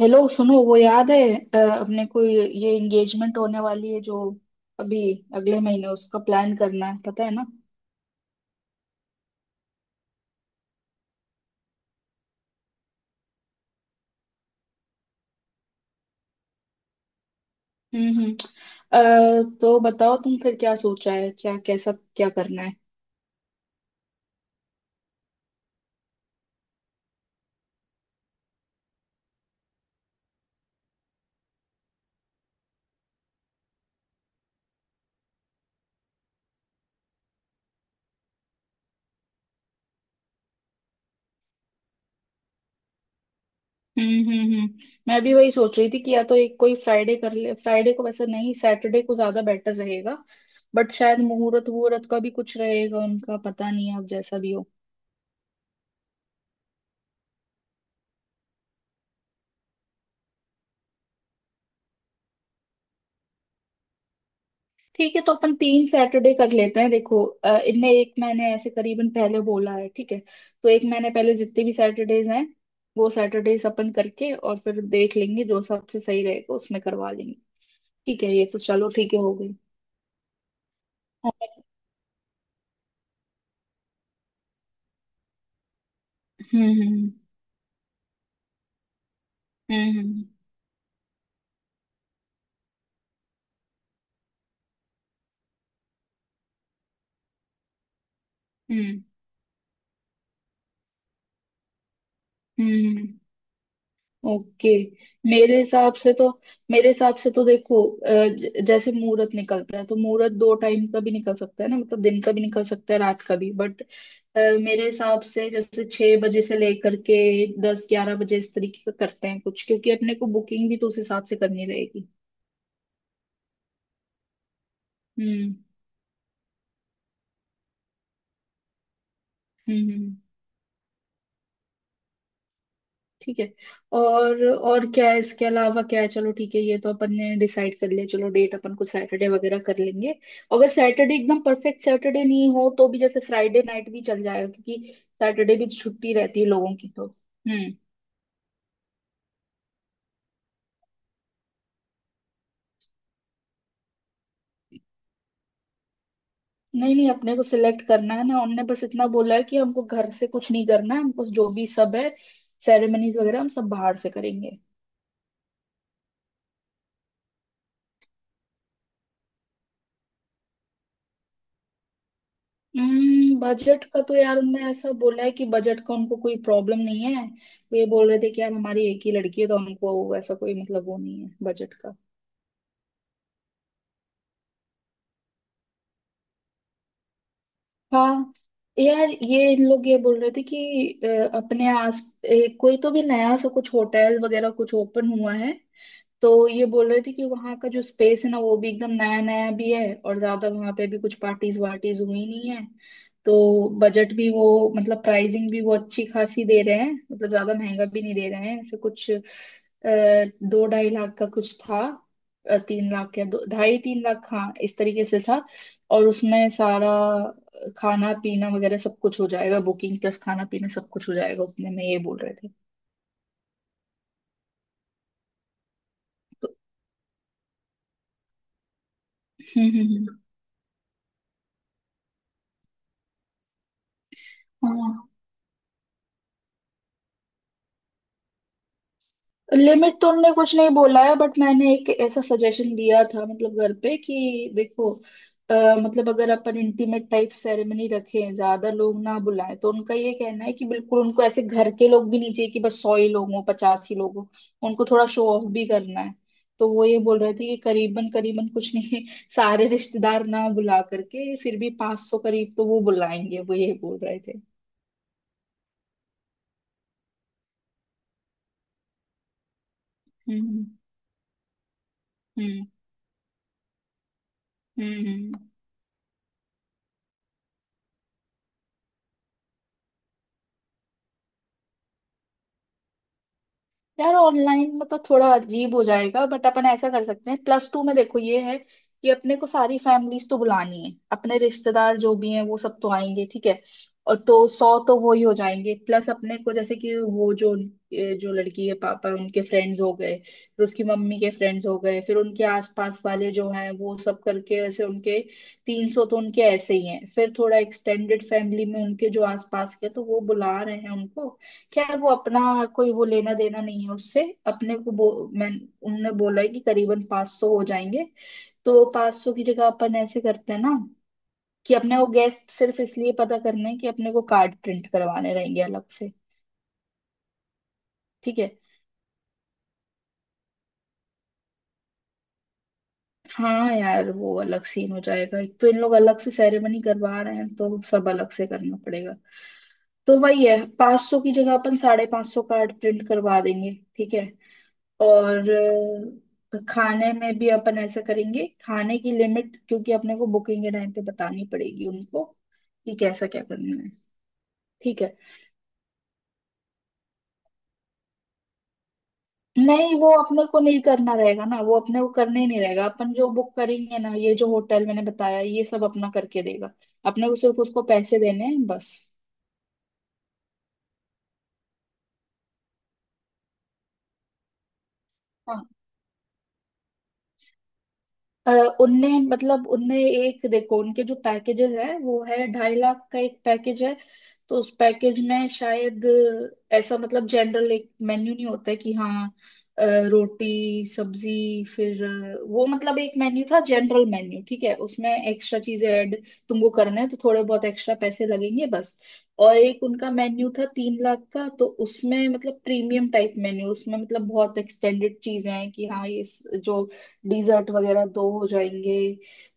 Hello, सुनो वो याद है, अपने को ये एंगेजमेंट होने वाली है जो अभी अगले महीने उसका प्लान करना है, पता है ना। हम्म, हम्म। तो बताओ, तुम फिर क्या सोचा है, क्या कैसा क्या करना है? हम्म, हम्म, हम्म। मैं भी वही सोच रही थी कि या तो एक कोई फ्राइडे कर ले। फ्राइडे को वैसे नहीं, सैटरडे को ज्यादा बेटर रहेगा। बट शायद मुहूर्त वहूर्त का भी कुछ रहेगा, उनका पता नहीं है, अब जैसा भी हो। ठीक है, तो अपन 3 सैटरडे कर लेते हैं। देखो इनने एक मैंने ऐसे करीबन पहले बोला है, ठीक है तो एक महीने पहले जितने भी सैटरडेज हैं वो सैटरडेज अपन करके और फिर देख लेंगे, जो सबसे सही रहेगा उसमें करवा लेंगे। ठीक है, ये तो चलो ठीक है, हो गई। और- हम्म, हम्म, हम्म, हम्म, हम्म, हम्म, ओके। मेरे हिसाब से तो, देखो जैसे मुहूर्त निकलता है तो मुहूर्त दो टाइम का भी निकल सकता है ना, मतलब दिन का भी निकल सकता है, रात का भी। बट मेरे हिसाब से जैसे 6 बजे से लेकर के 10-11 बजे इस तरीके का करते हैं कुछ, क्योंकि अपने को बुकिंग भी तो उस हिसाब से करनी रहेगी। हम्म, हम्म, हम्म। ठीक है। और क्या है इसके अलावा, क्या है? चलो ठीक है, ये तो अपन ने डिसाइड कर लिया। चलो, डेट अपन को सैटरडे वगैरह कर लेंगे। अगर सैटरडे एकदम परफेक्ट सैटरडे नहीं हो तो भी, जैसे फ्राइडे नाइट भी चल जाएगा, क्योंकि सैटरडे भी छुट्टी रहती है लोगों की। तो हम्म। नहीं नहीं, अपने को सिलेक्ट करना है ना। उनने बस इतना बोला है कि हमको घर से कुछ नहीं करना है, हमको जो भी सब है सेरेमनीज वगैरह हम सब बाहर से करेंगे। हम्म। बजट का तो यार उनने ऐसा बोला है कि बजट का उनको कोई प्रॉब्लम नहीं है। वो ये बोल रहे थे कि यार हमारी एक ही लड़की है तो हमको ऐसा कोई मतलब वो नहीं है बजट का। हाँ यार, ये इन लोग ये बोल रहे थे कि अपने आस कोई तो भी नया सा कुछ होटल वगैरह कुछ ओपन हुआ है। तो ये बोल रहे थे कि वहां का जो स्पेस है ना, वो भी एकदम नया नया भी है, और ज्यादा वहां पे भी कुछ पार्टीज वार्टीज हुई नहीं है। तो बजट भी वो, मतलब प्राइसिंग भी वो अच्छी खासी दे रहे हैं, मतलब ज्यादा महंगा भी नहीं दे रहे हैं। ऐसे कुछ 2-2.5 लाख का कुछ था, तीन लाख या दो ढाई 3 लाख, हाँ इस तरीके से था। और उसमें सारा खाना पीना वगैरह सब कुछ हो जाएगा, बुकिंग प्लस खाना पीना सब कुछ हो जाएगा उतने में, ये बोल रहे थे। तो हम्म, हम्म, हाँ, लिमिट तो उनने कुछ नहीं बोला है, बट मैंने एक ऐसा सजेशन दिया था मतलब घर पे कि देखो, अ, मतलब अगर अपन इंटीमेट टाइप सेरेमनी रखें, ज्यादा लोग ना बुलाएं। तो उनका ये कहना है कि बिल्कुल उनको ऐसे घर के लोग भी नहीं चाहिए कि बस 100 ही लोग हों, 50 ही लोग हों। उनको थोड़ा शो ऑफ भी करना है। तो वो ये बोल रहे थे कि करीबन करीबन कुछ नहीं सारे रिश्तेदार ना बुला करके फिर भी 500 करीब तो वो बुलाएंगे, वो ये बोल रहे थे। हम्म, हम्म, हम्म, हम्म। यार, ऑनलाइन मतलब थोड़ा अजीब हो जाएगा, बट अपन ऐसा कर सकते हैं, प्लस टू में। देखो ये है कि अपने को सारी फैमिलीज तो बुलानी है, अपने रिश्तेदार जो भी हैं वो सब तो आएंगे ठीक है, और तो 100 तो वो ही हो जाएंगे। प्लस अपने को जैसे कि वो जो जो लड़की है, पापा उनके फ्रेंड्स हो गए, फिर उसकी मम्मी के फ्रेंड्स हो गए, फिर उनके आसपास वाले जो हैं वो सब करके, ऐसे उनके 300 तो उनके ऐसे ही हैं। फिर थोड़ा एक्सटेंडेड फैमिली में उनके जो आसपास के तो वो बुला रहे हैं उनको। क्या है, वो अपना कोई वो लेना देना नहीं है उससे। अपने को मैं, उनने बोला है कि करीबन 500 सौ हो जाएंगे। तो 500 सौ की जगह अपन ऐसे करते हैं ना, कि अपने को गेस्ट सिर्फ इसलिए पता करने हैं कि अपने को कार्ड प्रिंट करवाने रहेंगे अलग से, ठीक है। हाँ यार, वो अलग सीन हो जाएगा, एक तो इन लोग अलग से सेरेमनी करवा रहे हैं तो सब अलग से करना पड़ेगा। तो वही है, 500 की जगह अपन साढ़े 500 कार्ड प्रिंट करवा देंगे, ठीक है। और खाने में भी अपन ऐसा करेंगे, खाने की लिमिट, क्योंकि अपने को बुकिंग के टाइम पे बतानी पड़ेगी उनको कि कैसा क्या करना है। ठीक है, नहीं वो अपने को नहीं करना रहेगा ना, वो अपने को करना ही नहीं रहेगा। अपन जो बुक करेंगे ना ये जो होटल मैंने बताया ये सब अपना करके देगा। अपने को सिर्फ उसको पैसे देने हैं बस। अ, उनने मतलब उनने एक देखो उनके जो पैकेजेस है, वो है 2.5 लाख का एक पैकेज है। तो उस पैकेज में शायद ऐसा मतलब जनरल एक मेन्यू नहीं होता है कि हाँ, अ, रोटी सब्जी, फिर वो मतलब एक मेन्यू था, जनरल मेन्यू ठीक है, उसमें एक्स्ट्रा चीजें ऐड तुमको करना है तो थोड़े बहुत एक्स्ट्रा पैसे लगेंगे बस। और एक उनका मेन्यू था 3 लाख का, तो उसमें मतलब प्रीमियम टाइप मेन्यू, उसमें मतलब बहुत एक्सटेंडेड चीजें हैं कि हाँ ये जो डिजर्ट वगैरह दो हो जाएंगे,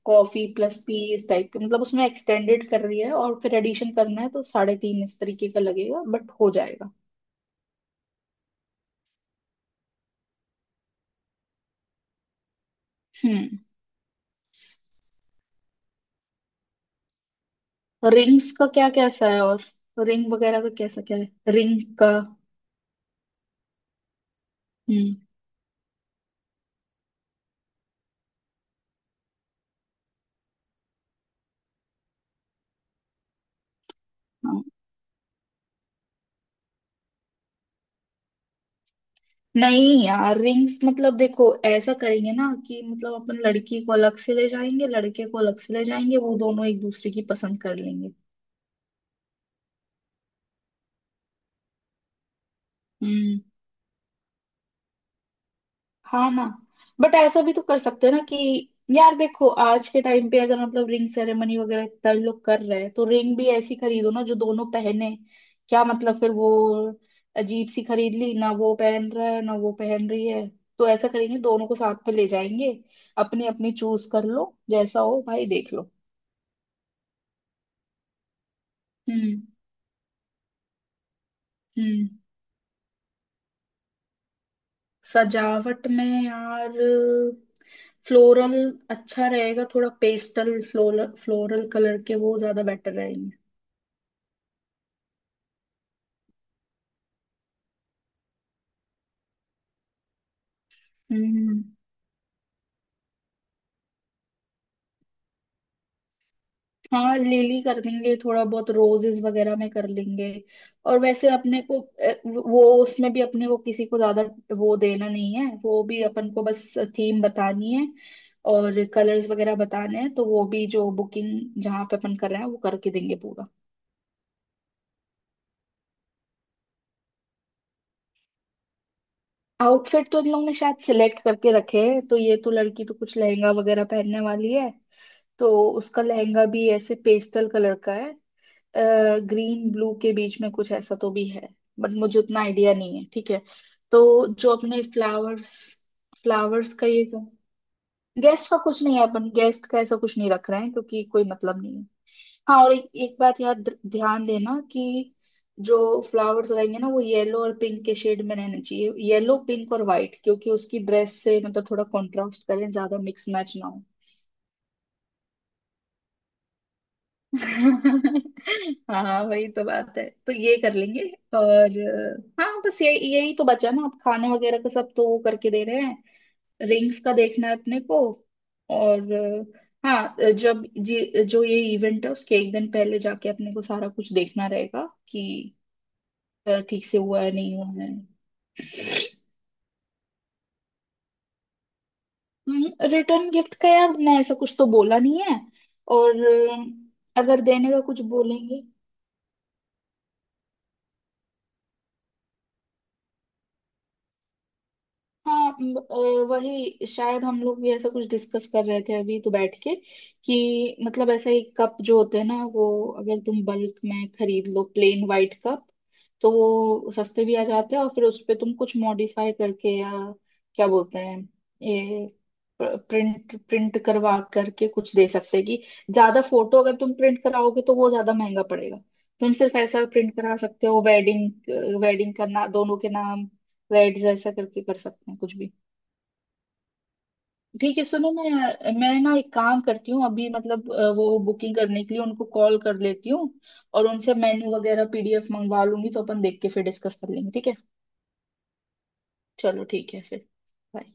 कॉफी प्लस पी इस टाइप के, मतलब उसमें एक्सटेंडेड कर रही है, और फिर एडिशन करना है तो साढ़े तीन इस तरीके का लगेगा, बट हो जाएगा। हम्म, रिंग्स का क्या कैसा है, और रिंग वगैरह का कैसा क्या है, रिंग का? हम्म, हाँ। नहीं यार, रिंग्स मतलब देखो ऐसा करेंगे ना कि मतलब अपन लड़की को अलग से ले जाएंगे, लड़के को अलग से ले जाएंगे, वो दोनों एक दूसरे की पसंद कर लेंगे। हम्म, हाँ ना। बट ऐसा भी तो कर सकते हैं ना, कि यार देखो आज के टाइम पे अगर मतलब रिंग सेरेमनी वगैरह इतना लोग कर रहे हैं तो रिंग भी ऐसी खरीदो ना जो दोनों पहने। क्या मतलब फिर वो अजीब सी खरीद ली ना, वो पहन रहा है ना वो पहन रही है। तो ऐसा करेंगे, दोनों को साथ में ले जाएंगे, अपनी अपनी चूज कर लो जैसा हो भाई देख लो। हम्म, हम्म। सजावट में यार फ्लोरल अच्छा रहेगा, थोड़ा पेस्टल फ्लोरल, कलर के वो ज्यादा बेटर रहेंगे। हम्म। हाँ लिली कर लेंगे, थोड़ा बहुत रोजेस वगैरह में कर लेंगे। और वैसे अपने को वो उसमें भी अपने को किसी को ज्यादा वो देना नहीं है, वो भी अपन को बस थीम बतानी है और कलर्स वगैरह बताने हैं। तो वो भी जो बुकिंग जहाँ पे अपन कर रहे हैं वो करके देंगे पूरा। आउटफिट तो इन लोग ने शायद सिलेक्ट करके रखे हैं, तो ये तो लड़की तो कुछ लहंगा वगैरह पहनने वाली है। तो उसका लहंगा भी ऐसे पेस्टल कलर का है, ग्रीन ब्लू के बीच में कुछ ऐसा तो भी है, बट मुझे उतना आइडिया नहीं है ठीक है। तो जो अपने फ्लावर्स, का ये तो, गेस्ट का कुछ नहीं है, अपन गेस्ट का ऐसा कुछ नहीं रख रहे हैं क्योंकि कोई मतलब नहीं है। हाँ और एक बात याद ध्यान देना कि जो फ्लावर्स रहेंगे ना वो येलो और पिंक के शेड में रहने चाहिए, येलो पिंक और व्हाइट, क्योंकि उसकी ड्रेस से मतलब थोड़ा कॉन्ट्रास्ट करें, ज्यादा मिक्स मैच ना हो। हाँ वही तो बात है, तो ये कर लेंगे। और हाँ, बस ये यही तो बचा ना, आप खाने वगैरह का सब तो वो करके दे रहे हैं। रिंग्स का देखना है अपने को। और हाँ, जब जी जो ये इवेंट है उसके एक दिन पहले जाके अपने को सारा कुछ देखना रहेगा कि ठीक से हुआ है नहीं हुआ है। रिटर्न गिफ्ट का यार ना ऐसा कुछ तो बोला नहीं है। और अगर देने का कुछ बोलेंगे। हाँ वही शायद हम लोग भी ऐसा कुछ डिस्कस कर रहे थे अभी तो बैठ के, कि मतलब ऐसा ही कप जो होते हैं ना वो अगर तुम बल्क में खरीद लो प्लेन वाइट कप तो वो सस्ते भी आ जाते हैं, और फिर उस पे तुम कुछ मॉडिफाई करके या क्या बोलते हैं ये प्रिंट प्रिंट करवा करके कुछ दे सकते हैं, कि ज्यादा फोटो अगर तुम प्रिंट कराओगे तो वो ज्यादा महंगा पड़ेगा। तुम सिर्फ ऐसा प्रिंट करा सकते हो, वेडिंग वेडिंग का ना, दोनों के नाम वेट जैसा करके कर सकते हैं कुछ भी। ठीक है, सुनो ना यार, मैं ना एक काम करती हूँ अभी मतलब वो बुकिंग करने के लिए उनको कॉल कर लेती हूँ, और उनसे मेन्यू वगैरह पीडीएफ मंगवा लूंगी, तो अपन देख के फिर डिस्कस कर लेंगे, ठीक है। चलो ठीक है फिर। Bye.